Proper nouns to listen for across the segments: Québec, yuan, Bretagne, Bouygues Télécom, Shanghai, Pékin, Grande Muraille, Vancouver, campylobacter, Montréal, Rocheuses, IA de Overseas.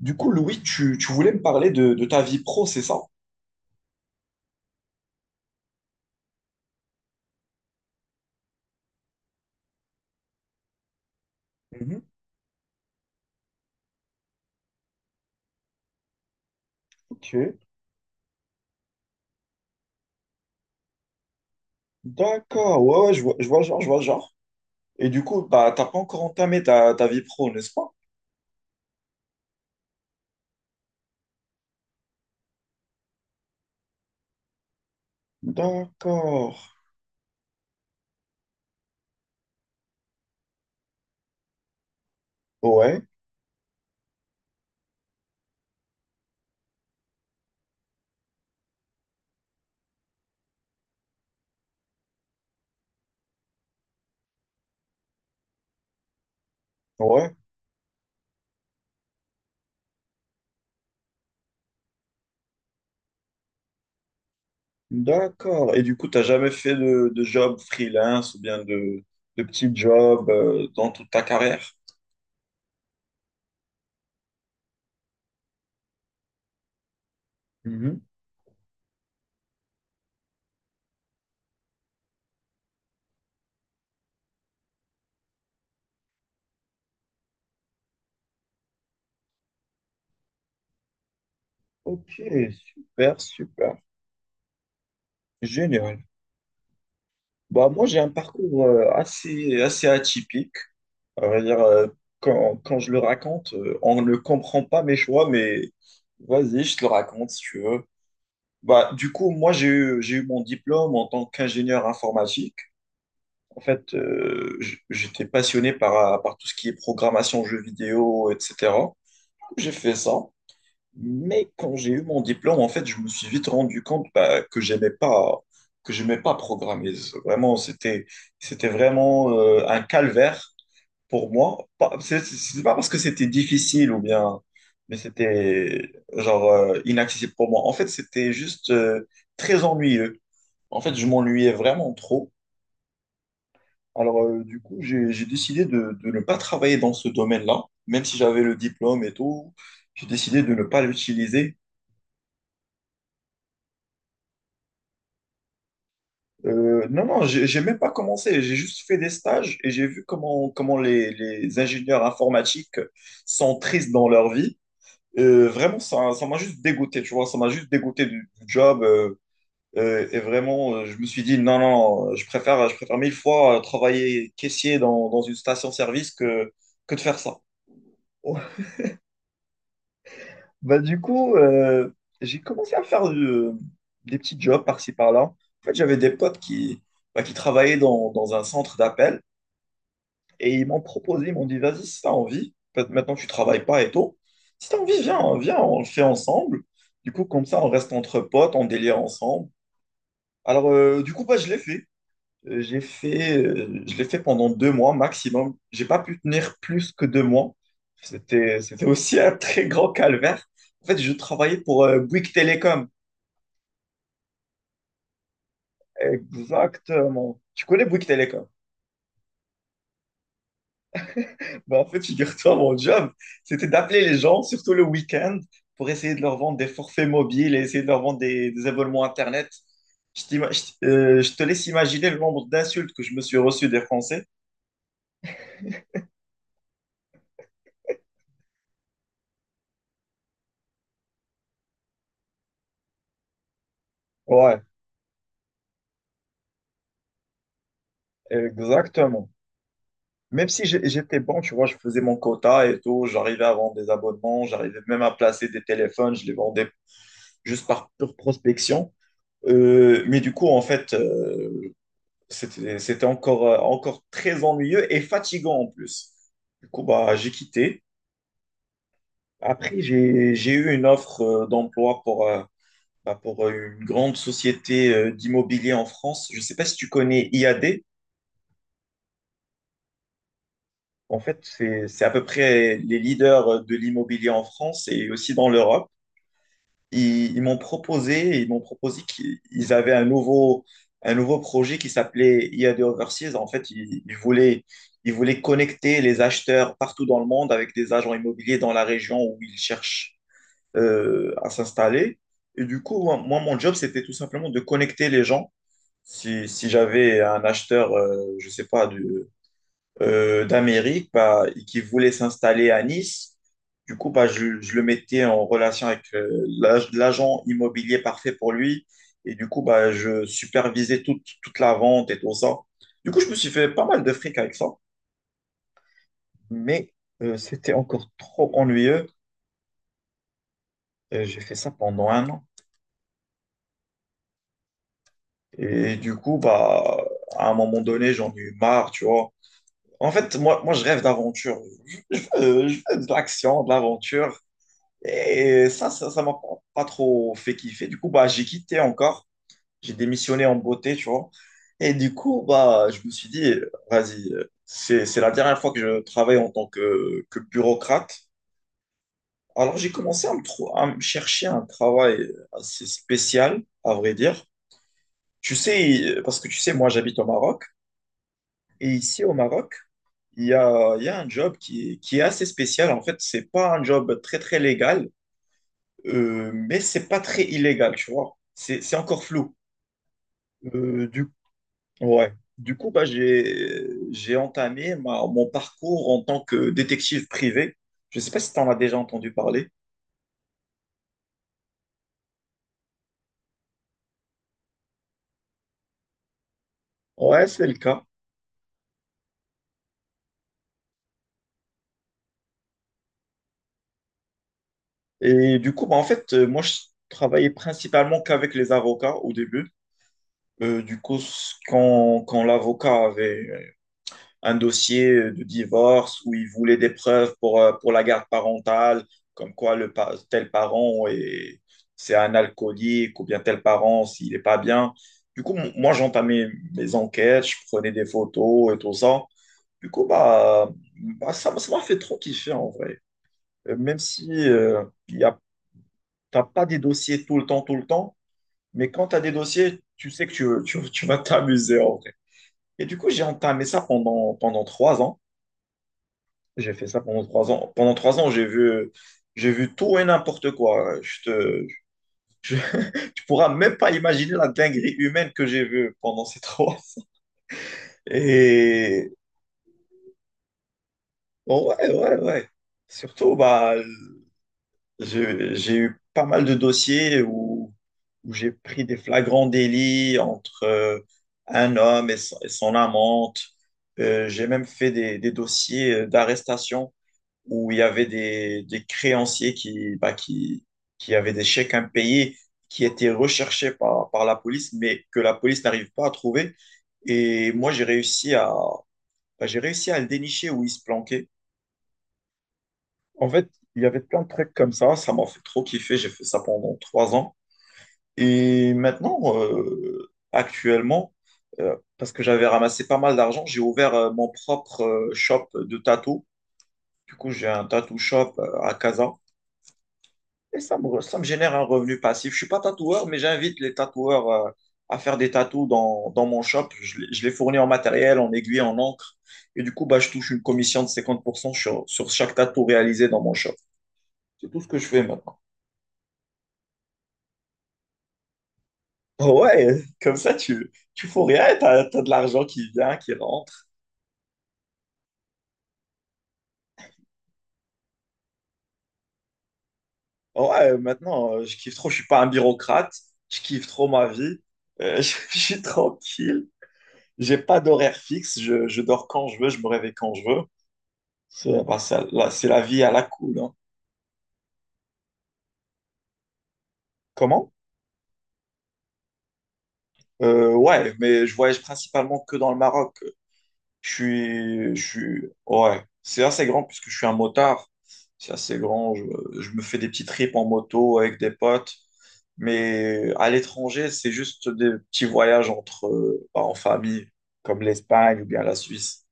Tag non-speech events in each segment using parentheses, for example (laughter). Du coup, Louis, tu voulais me parler de ta vie pro, c'est ça? Mhm. Ok, d'accord, ouais, ouais, je vois le genre, je vois le genre. Et du coup, bah, t'as pas encore entamé ta vie pro, n'est-ce pas? D'accord, ouais, ouais, d'accord. Et du coup, t'as jamais fait de job freelance ou bien de petit job dans toute ta carrière? Mhm. Ok, super, super, génial. Bah, moi, j'ai un parcours assez, assez atypique. À vrai dire, quand je le raconte, on ne comprend pas mes choix, mais vas-y, je te le raconte si tu veux. Bah, du coup, moi, j'ai eu mon diplôme en tant qu'ingénieur informatique. En fait, j'étais passionné par, par tout ce qui est programmation, jeux vidéo, etc. J'ai fait ça. Mais quand j'ai eu mon diplôme, en fait, je me suis vite rendu compte bah, que j'aimais pas programmer. Vraiment, c'était vraiment un calvaire pour moi, c'est pas parce que c'était difficile ou bien, mais c'était genre inaccessible pour moi. En fait, c'était juste très ennuyeux. En fait, je m'ennuyais vraiment trop. Alors, du coup, j'ai décidé de ne pas travailler dans ce domaine-là, même si j'avais le diplôme et tout. J'ai décidé de ne pas l'utiliser. Non, non, j'ai même pas commencé. J'ai juste fait des stages et j'ai vu comment les ingénieurs informatiques sont tristes dans leur vie. Vraiment, ça m'a juste dégoûté, tu vois, ça m'a juste dégoûté du job. Et vraiment, je me suis dit, non, non, non, je préfère mille fois travailler caissier dans une station-service que de faire ça. (laughs) Bah, du coup, j'ai commencé à des petits jobs par-ci, par-là. En fait, j'avais des potes qui, bah, qui travaillaient dans un centre d'appel. Et ils m'ont proposé, ils m'ont dit, vas-y, si t'as envie, peut-être maintenant tu travailles pas et tout, si t'as envie, viens, on le fait ensemble. Du coup, comme ça, on reste entre potes, on délire ensemble. Alors, du coup, bah, je l'ai fait. Je l'ai fait pendant 2 mois maximum. J'ai pas pu tenir plus que 2 mois. C'était aussi un très grand calvaire. En fait, je travaillais pour Bouygues Télécom. Exactement. Tu connais Bouygues Télécom? Bah, en fait, figure-toi, mon job, c'était d'appeler les gens, surtout le week-end, pour essayer de leur vendre des forfaits mobiles et essayer de leur vendre des abonnements Internet. Je, t'ima- je t- Je te laisse imaginer le nombre d'insultes que je me suis reçu des Français. Ouais, exactement. Même si j'étais bon, tu vois, je faisais mon quota et tout, j'arrivais à vendre des abonnements, j'arrivais même à placer des téléphones, je les vendais juste par pure prospection. Mais du coup, en fait, c'était encore, encore très ennuyeux et fatigant en plus. Du coup, bah, j'ai quitté. Après, j'ai eu une offre d'emploi pour, pour une grande société d'immobilier en France. Je ne sais pas si tu connais IAD. En fait, c'est à peu près les leaders de l'immobilier en France et aussi dans l'Europe. Ils m'ont proposé, ils m'ont proposé qu'ils avaient un nouveau projet qui s'appelait IA de Overseas. En fait, ils voulaient connecter les acheteurs partout dans le monde avec des agents immobiliers dans la région où ils cherchent à s'installer. Et du coup, moi, mon job, c'était tout simplement de connecter les gens. Si j'avais un acheteur, je sais pas, d'Amérique bah, et qui voulait s'installer à Nice. Du coup, bah, je le mettais en relation avec l'agent immobilier parfait pour lui. Et du coup, bah, je supervisais toute la vente et tout ça. Du coup, je me suis fait pas mal de fric avec ça. Mais c'était encore trop ennuyeux. Et j'ai fait ça pendant 1 an. Et du coup, bah, à un moment donné, j'en ai eu marre, tu vois. En fait, moi je rêve d'aventure. Je veux de l'action, de l'aventure. Et ça m'a pas trop fait kiffer. Du coup, bah, j'ai quitté encore. J'ai démissionné en beauté, tu vois. Et du coup, bah, je me suis dit, vas-y, c'est la dernière fois que je travaille en tant que bureaucrate. Alors, j'ai commencé à à me chercher un travail assez spécial, à vrai dire. Tu sais, parce que tu sais, moi, j'habite au Maroc. Et ici, au Maroc, il y a un job qui est assez spécial. En fait, c'est pas un job très, très légal. Mais c'est pas très illégal, tu vois. C'est encore flou. Euh, du, ouais. Du coup, bah, j'ai entamé mon parcours en tant que détective privé. Je sais pas si tu en as déjà entendu parler. Ouais, c'est le cas. Et du coup, bah, en fait, je travaillais principalement qu'avec les avocats au début. Du coup, quand l'avocat avait un dossier de divorce où ils voulaient des preuves pour la garde parentale, comme quoi tel parent est, c'est un alcoolique ou bien tel parent s'il n'est pas bien. Du coup, moi, j'entamais mes enquêtes, je prenais des photos et tout ça. Du coup, bah, ça m'a fait trop kiffer en vrai. Même si t'as pas des dossiers tout le temps, mais quand tu as des dossiers, tu sais que tu vas t'amuser en vrai. Et du coup, j'ai entamé ça pendant 3 ans. J'ai fait ça pendant 3 ans. Pendant trois ans, j'ai vu tout et n'importe quoi. Je- (laughs) Tu pourras même pas imaginer la dinguerie humaine que j'ai vue pendant ces trois ans. Et oh, ouais, ouais, ouais. Surtout, bah, j'ai eu pas mal de dossiers où, où j'ai pris des flagrants délits entre un homme et et son amante. J'ai même fait des dossiers d'arrestation où il y avait des créanciers qui avaient des chèques impayés qui étaient recherchés par, par la police, mais que la police n'arrive pas à trouver. Et moi, j'ai réussi à le dénicher où il se planquait. En fait, il y avait plein de trucs comme ça. Ça m'a fait trop kiffer. J'ai fait ça pendant trois ans. Et maintenant, actuellement, parce que j'avais ramassé pas mal d'argent, j'ai ouvert mon propre shop de tatou. Du coup, j'ai un tattoo shop à Casa. Et ça me génère un revenu passif. Je suis pas tatoueur, mais j'invite les tatoueurs à faire des tatous dans mon shop. Je les fournis en matériel, en aiguille, en encre. Et du coup, bah, je touche une commission de 50% sur chaque tatou réalisé dans mon shop. C'est tout ce que je fais maintenant. Oh ouais, comme ça, tu fous rien, t'as de l'argent qui vient, qui rentre. Oh ouais, maintenant, je kiffe trop, je suis pas un bureaucrate, je kiffe trop ma vie. Euh, (laughs) je suis tranquille, j'ai pas d'horaire fixe, je dors quand je veux, je me réveille quand je veux. C'est là, c'est la vie à la cool. Hein. Comment? Ouais, mais je voyage principalement que dans le Maroc. Je suis, ouais, c'est assez grand puisque je suis un motard. C'est assez grand. Je me fais des petits trips en moto avec des potes. Mais à l'étranger, c'est juste des petits voyages entre, en famille, comme l'Espagne ou bien la Suisse.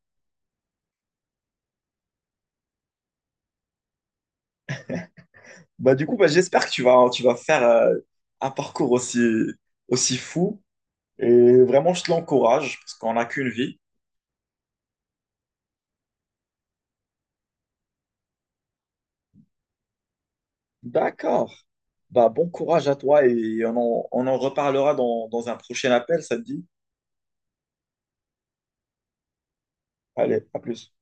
Bah, du coup, bah, j'espère que tu vas faire un parcours aussi, aussi fou. Et vraiment, je te l'encourage parce qu'on n'a qu'une vie. D'accord. Bah, bon courage à toi et on en reparlera dans un prochain appel, ça te dit? Allez, à plus.